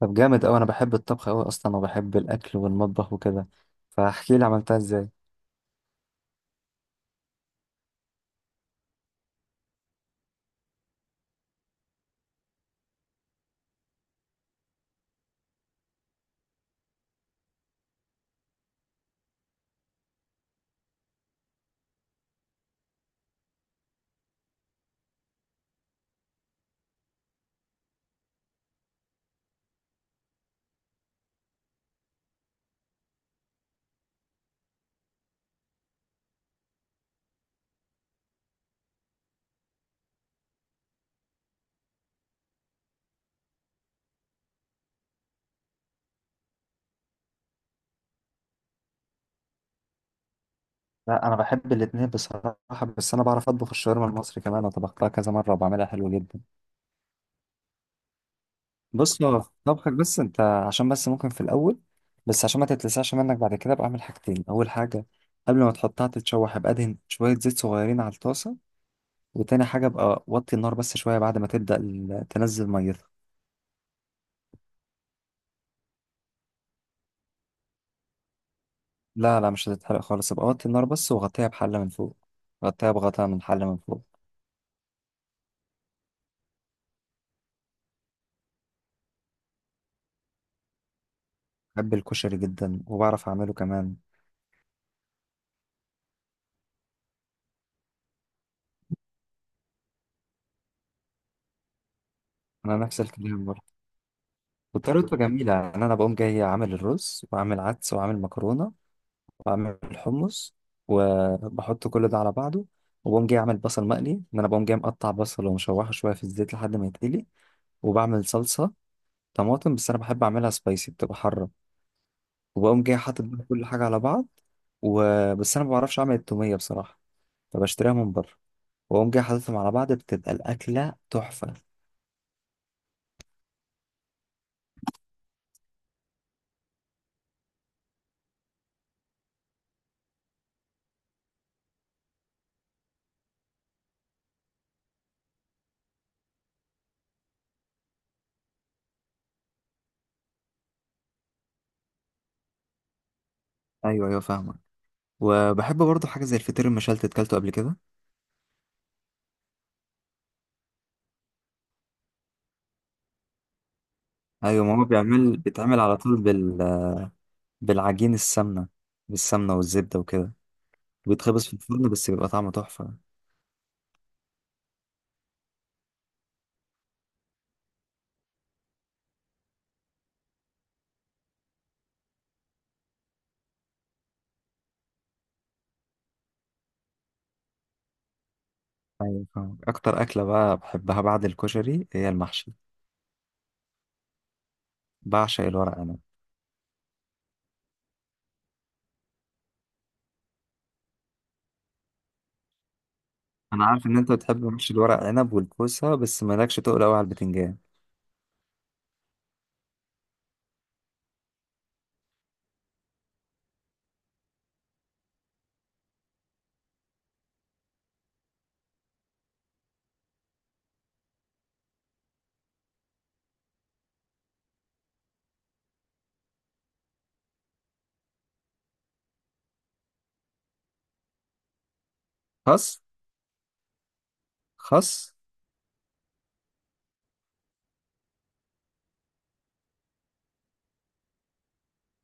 طب جامد أوي، أنا بحب الطبخ أوي أصلا وبحب الأكل والمطبخ وكده. فاحكي لي عملتها إزاي. لا، أنا بحب الاتنين بصراحة. بس أنا بعرف أطبخ الشاورما المصري كمان، أنا طبختها كذا مرة وبعملها حلو جدا. بص، هو في طبخك بس أنت، عشان بس ممكن في الأول، بس عشان ما تتلسعش منك بعد كده، بعمل حاجتين. أول حاجة، قبل ما تحطها تتشوح، أبقى أدهن شوية زيت صغيرين على الطاسة. وتاني حاجة، أبقى وطي النار بس شوية بعد ما تبدأ تنزل ميتها. لا، لا، مش هتتحرق خالص. أبقى وطي النار بس وغطيها بحلة من فوق. غطيها بغطاء من حلة من فوق. بحب الكشري جدا وبعرف اعمله كمان. انا نفس الكلام برضه. وطريقته جميله، يعني انا بقوم جاي عامل الرز واعمل عدس واعمل مكرونه واعمل الحمص، وبحط كل ده على بعضه. وبقوم جاي اعمل بصل مقلي، انا بقوم جاي مقطع بصل ومشوحه شويه في الزيت لحد ما يتقلي. وبعمل صلصه طماطم، بس انا بحب اعملها سبايسي، بتبقى حاره. وبقوم جاي حاطط بقى كل حاجه على بعض. وبس انا ما بعرفش اعمل التوميه بصراحه، فبشتريها من بره. واقوم جاي حاططهم على بعض، بتبقى الاكله تحفه. ايوه، ايوه، فاهمك. وبحب برضه حاجة زي الفطير المشلتت، كلته قبل كده؟ أيوة، ماما بيتعمل على طول بالعجين، السمنة، بالسمنة والزبدة وكده. بيتخبز في الفرن بس بيبقى طعمه تحفة. أيوة فاهم. أكتر أكلة بقى بحبها بعد الكشري هي المحشي. بعشق الورق عنب. أنا عارف إن أنت بتحب محشي الورق عنب والكوسة، بس مالكش تقول أوي على البتنجان. خس. خس.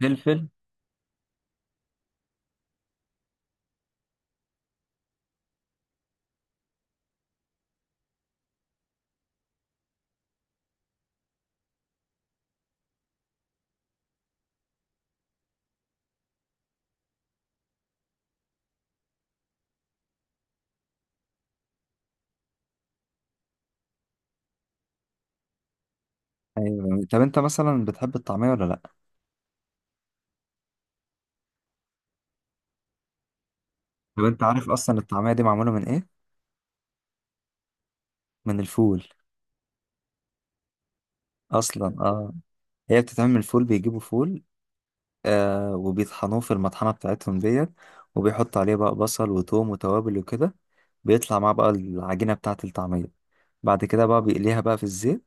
فلفل. أيوة، طب أنت مثلا بتحب الطعمية ولا لأ؟ طب أنت عارف أصلا الطعمية دي معمولة من إيه؟ من الفول. أصلا آه، هي بتتعمل فول، بيجيبوا فول آه، وبيطحنوه في المطحنة بتاعتهم ديت، وبيحطوا عليه بقى بصل وتوم وتوابل وكده، بيطلع معاه بقى العجينة بتاعة الطعمية. بعد كده بقى بيقليها بقى في الزيت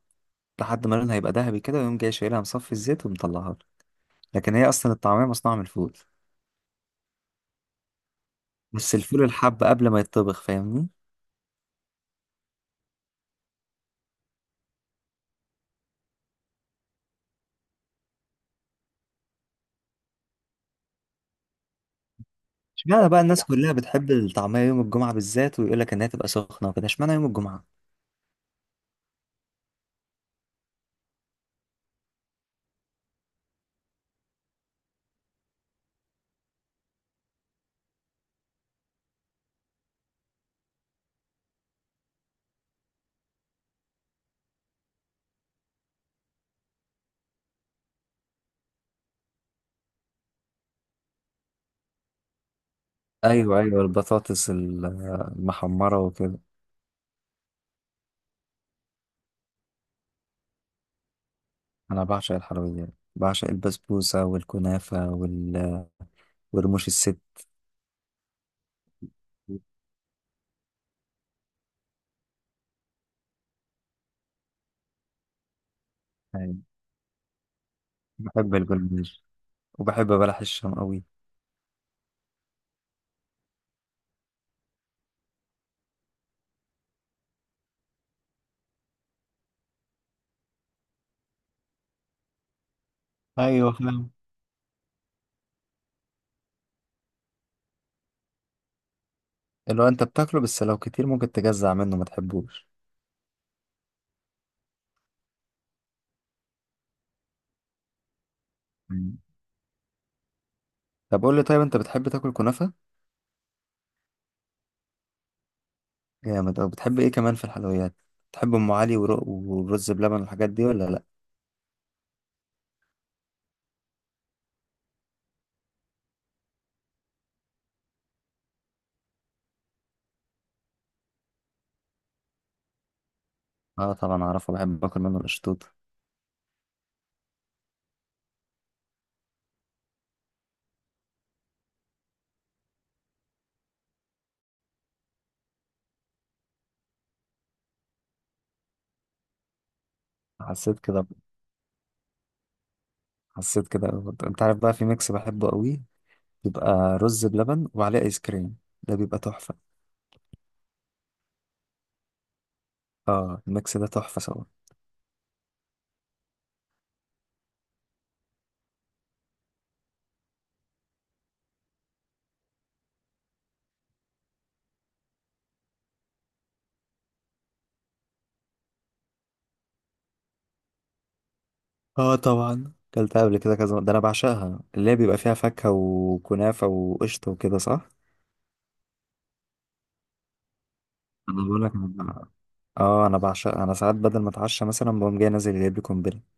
لحد ما لونها يبقى ذهبي كده، ويقوم جاي شايلها مصفي الزيت ومطلعها له. لكن هي أصلا الطعمية مصنوعة من الفول، بس الفول الحب قبل ما يتطبخ، فاهمني؟ اشمعنى بقى الناس كلها بتحب الطعمية يوم الجمعة بالذات، ويقول لك إنها تبقى سخنة وكده؟ اشمعنى يوم الجمعة؟ أيوه، أيوه، البطاطس المحمرة وكده. انا بعشق الحلويات. بعشق البسبوسه والكنافه ورموش الست. يعني بحب الجلاش. وبحب بلح الشام قوي. ايوه فاهم، اللي هو انت بتاكله بس لو كتير ممكن تجزع منه، ما تحبوش. مم. طب قول لي، طيب انت بتحب تاكل كنافه؟ جامد. او بتحب ايه كمان في الحلويات؟ بتحب ام علي، ورق ورز بلبن، والحاجات دي ولا لا؟ اه طبعا اعرفه، بحب اكل منه القشطوط. حسيت كده. حسيت كده برضه. انت عارف بقى، في ميكس بحبه قوي. بيبقى رز بلبن وعليه ايس كريم. ده بيبقى تحفه. اه، الميكس ده تحفة سوا. اه طبعا كلتها قبل كده كذا مرة. ده انا بعشقها، اللي هي بيبقى فيها فاكهة وكنافة وقشطة وكده، صح؟ انا بقول لك، اه انا بعشقها. انا ساعات بدل ما اتعشى مثلا بقوم جاي نازل جايب لي قنبلة.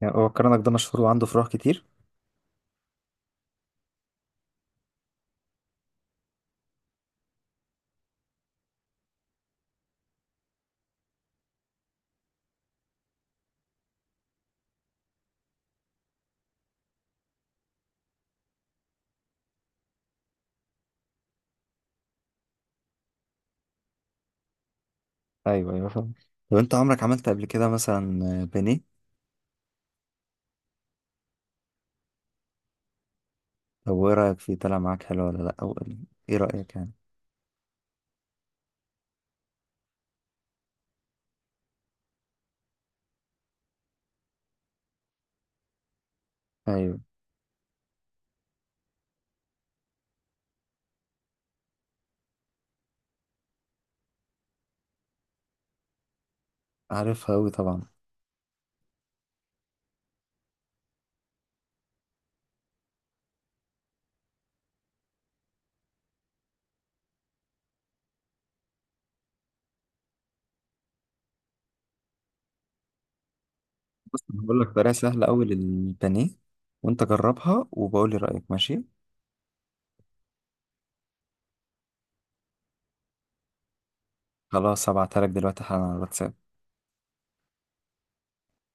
يعني هو الكرنك ده مشهور وعنده فروع كتير؟ ايوه، ايوه، فاهم. طب انت عمرك عملت قبل كده مثلا بانيه؟ طب وايه رأيك فيه؟ طلع معاك حلو ولا لا؟ او ايه رأيك يعني؟ ايوه، عارفها اوي طبعا. بص، أنا هقول لك طريقة سهلة اوي للبانيه، وانت جربها وبقول لي رأيك، ماشي؟ خلاص، هبعتها لك دلوقتي حالا على الواتساب.